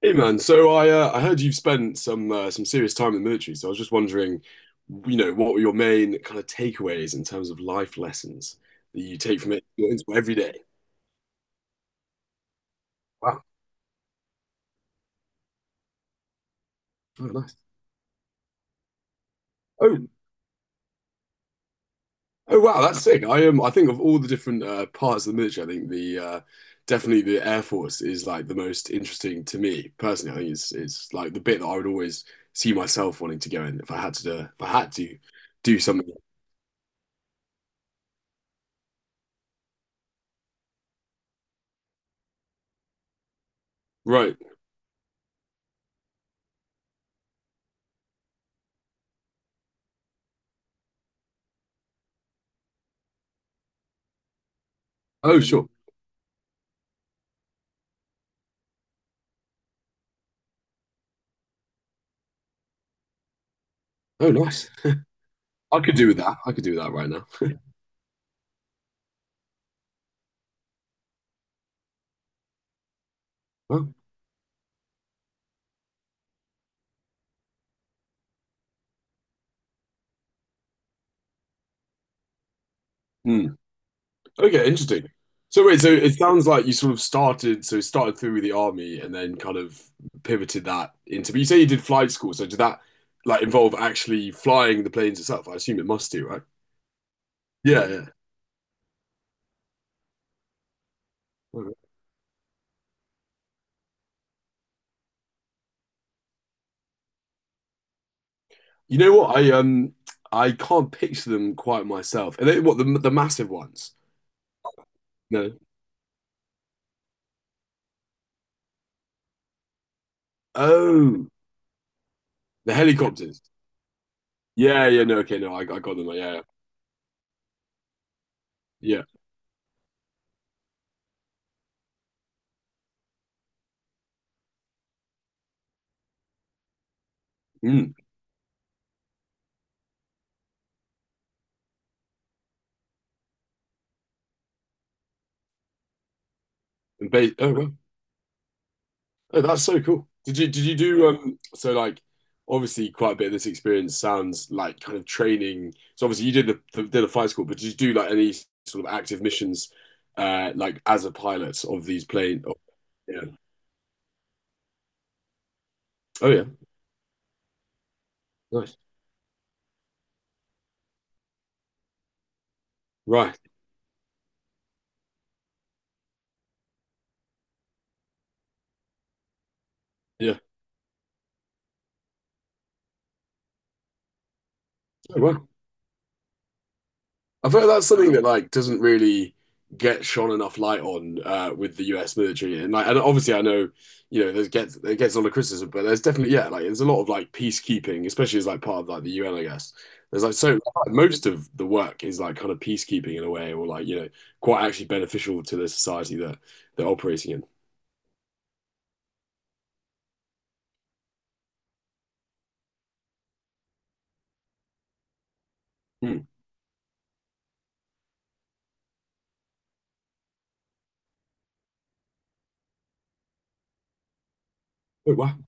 Hey man, so I heard you've spent some serious time in the military, so I was just wondering, you know, what were your main kind of takeaways in terms of life lessons that you take from it into every day? Wow. Oh, nice. Oh. Oh wow, that's sick. I think of all the different parts of the military, I think the definitely the Air Force is like the most interesting to me personally. I think it's like the bit that I would always see myself wanting to go in if I had to do, if I had to do something. Right. Oh, sure. Oh, nice. I could do with that. I could do that right now. Oh. Hmm. Okay, interesting. So wait, so it sounds like you sort of started, so started through with the army and then kind of pivoted that into. But you say you did flight school, so did that like involve actually flying the planes itself? I assume it must do, right? Yeah, yeah. Okay. You know what? I can't picture them quite myself. And they, what the massive ones? No. Oh, the helicopters. Yeah, yeah. No, okay, no, I got them. Yeah, yeah. Mm. And oh, wow. Oh, that's so cool. Did you do so like obviously quite a bit of this experience sounds like kind of training. So obviously you did the did a flight school, but did you do like any sort of active missions like as a pilot of these plane? Oh, yeah. Oh yeah. Nice. Right. Yeah. Oh, wow. I feel like that's something that like doesn't really get shone enough light on with the U.S. military, and like, and obviously I know, you know, there's gets it gets a lot of criticism, but there's definitely yeah, like there's a lot of like peacekeeping, especially as like part of like the UN, I guess. There's like so like, most of the work is like kind of peacekeeping in a way, or like you know, quite actually beneficial to the society that they're operating in. Hmm. Oh wow!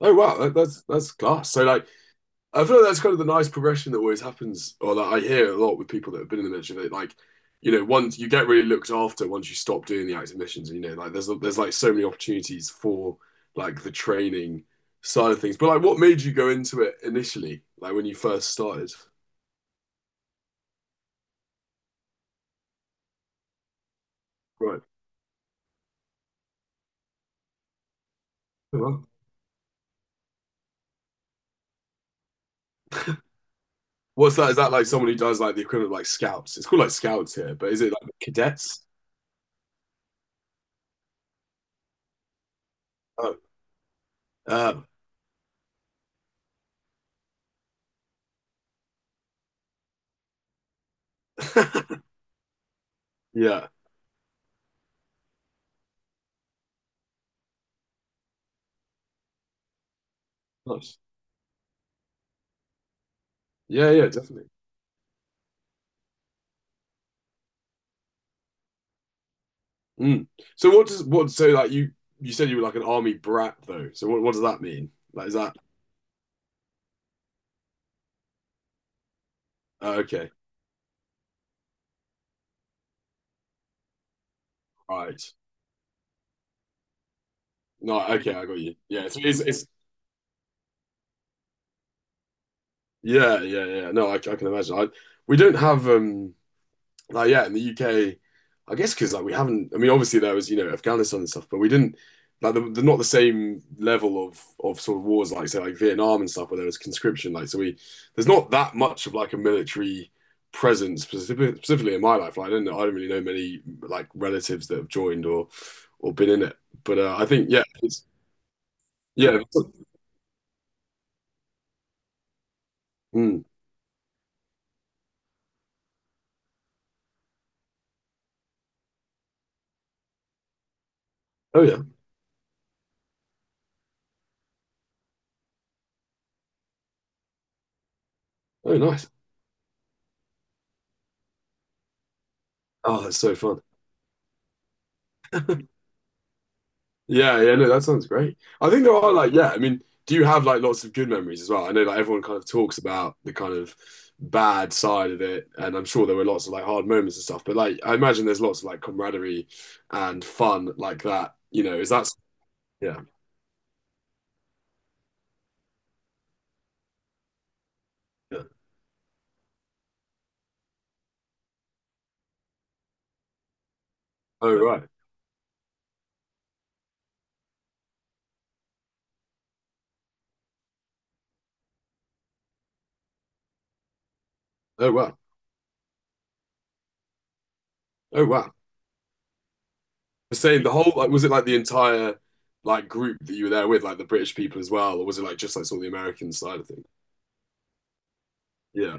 Oh wow! That's class. So like I feel like that's kind of the nice progression that always happens, or that I hear a lot with people that have been in the military. That like, you know, once you get really looked after once you stop doing the active missions, and you know, like there's like so many opportunities for like the training side of things. But like, what made you go into it initially, like when you first started? Right. Oh, wow. What's that? Is that like someone who does like the equivalent of like scouts? It's called like scouts here, but is it like cadets? Oh. um, yeah. Nice. Yeah, yeah, definitely. Mm. So what does what so like you said you were like an army brat though. So what does that mean? Like is that okay? Right. No, okay, I got you. Yeah, it's yeah, yeah, yeah. No, I can imagine. I we don't have Like yeah, in the UK, I guess because like we haven't. I mean, obviously there was you know Afghanistan and stuff, but we didn't like they're not the same level of sort of wars like say like Vietnam and stuff where there was conscription. Like so we there's not that much of like a military presence specifically in my life. Like I don't know, I don't really know many like relatives that have joined or been in it. But I think yeah. It's- mm. Oh yeah. Oh nice. Oh, that's so fun. Yeah, yeah, no, that sounds great. I think there are like, yeah, I mean, do you have like lots of good memories as well? I know like everyone kind of talks about the kind of bad side of it, and I'm sure there were lots of like hard moments and stuff, but like I imagine there's lots of like camaraderie and fun like that. You know, is that yeah. Yeah. Oh right. Oh wow. Oh wow. The same, the whole like was it like the entire like group that you were there with, like the British people as well, or was it like just like sort of the American side of things? Yeah.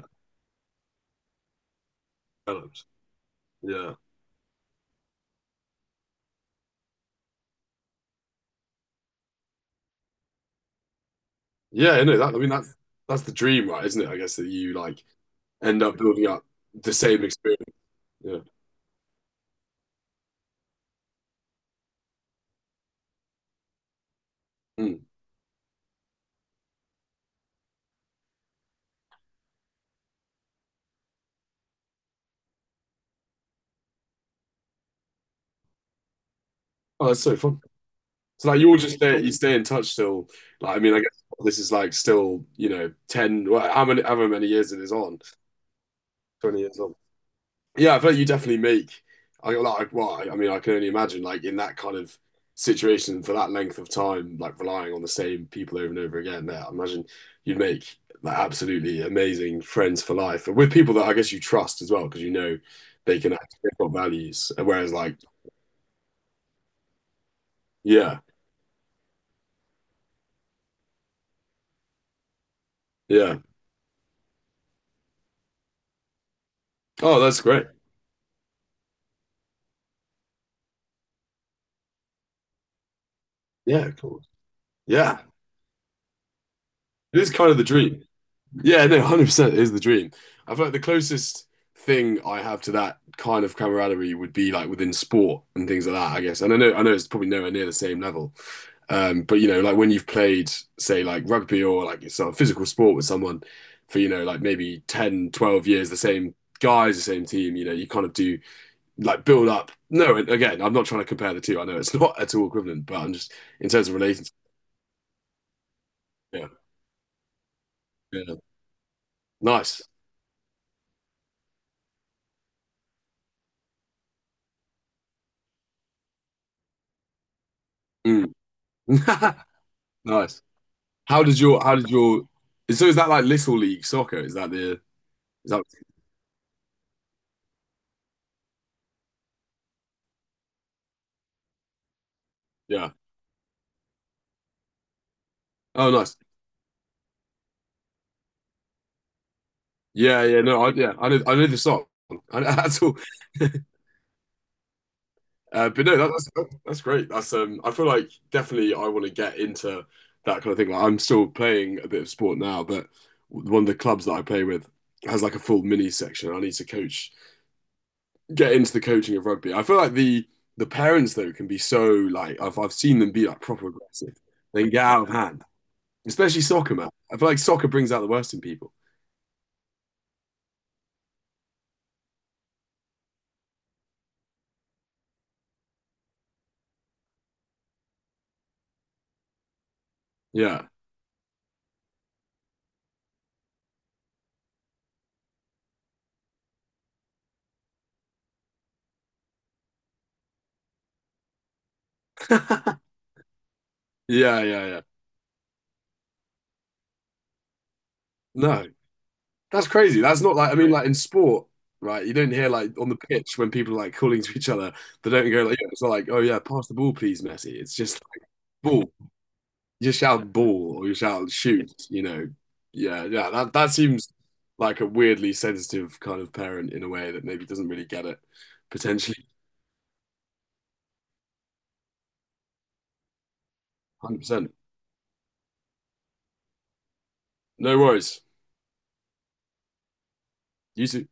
Developed. Yeah. Yeah, I know that. I mean, that's the dream, right? Isn't it? I guess that you like end up building up the same experience. Yeah. Mm. Oh, that's so fun. So like you all just stay you stay in touch still. Like I mean, I guess this is like still you know ten. Well, how many however many years it is on? 20 years on. Yeah, I feel like you definitely make. I like. Well, I mean, I can only imagine like in that kind of situation for that length of time, like relying on the same people over and over again. There, I imagine you'd make like absolutely amazing friends for life, and with people that I guess you trust as well, because you know they can actually they've got values. Whereas, like, yeah, yeah. Oh, that's great. Yeah, cool. Yeah, it is kind of the dream. Yeah, no, 100% is the dream. I feel like the closest thing I have to that kind of camaraderie would be like within sport and things like that, I guess. And I know it's probably nowhere near the same level. But you know, like when you've played, say, like rugby or like sort of physical sport with someone for, you know, like maybe 10, 12 years, the same guys, the same team, you know, you kind of do like build up. No, and again, I'm not trying to compare the two. I know it's not at all equivalent, but I'm just in terms of relating. Yeah, yeah. Nice. Mm. Nice. How did your so is that like Little League Soccer? Is that yeah? Oh, nice. Yeah, yeah. No, I yeah. I know the song. That's all. But no, that's great. That's. I feel like definitely I want to get into that kind of thing. Like I'm still playing a bit of sport now, but one of the clubs that I play with has like a full mini section. I need to coach, get into the coaching of rugby. I feel like the parents though can be so like I've seen them be like proper aggressive. They can get out of hand. Especially soccer, man. I feel like soccer brings out the worst in people. Yeah. yeah, yeah. No, that's crazy. That's not like, I mean, like in sport, right? You don't hear like on the pitch when people are like calling to each other, they don't go like, "Yeah," it's not like, oh yeah, pass the ball, please, Messi. It's just like, ball. You just shout ball or you shout shoot, you know. Yeah, yeah. That seems like a weirdly sensitive kind of parent in a way that maybe doesn't really get it potentially. 100%. No worries. You too.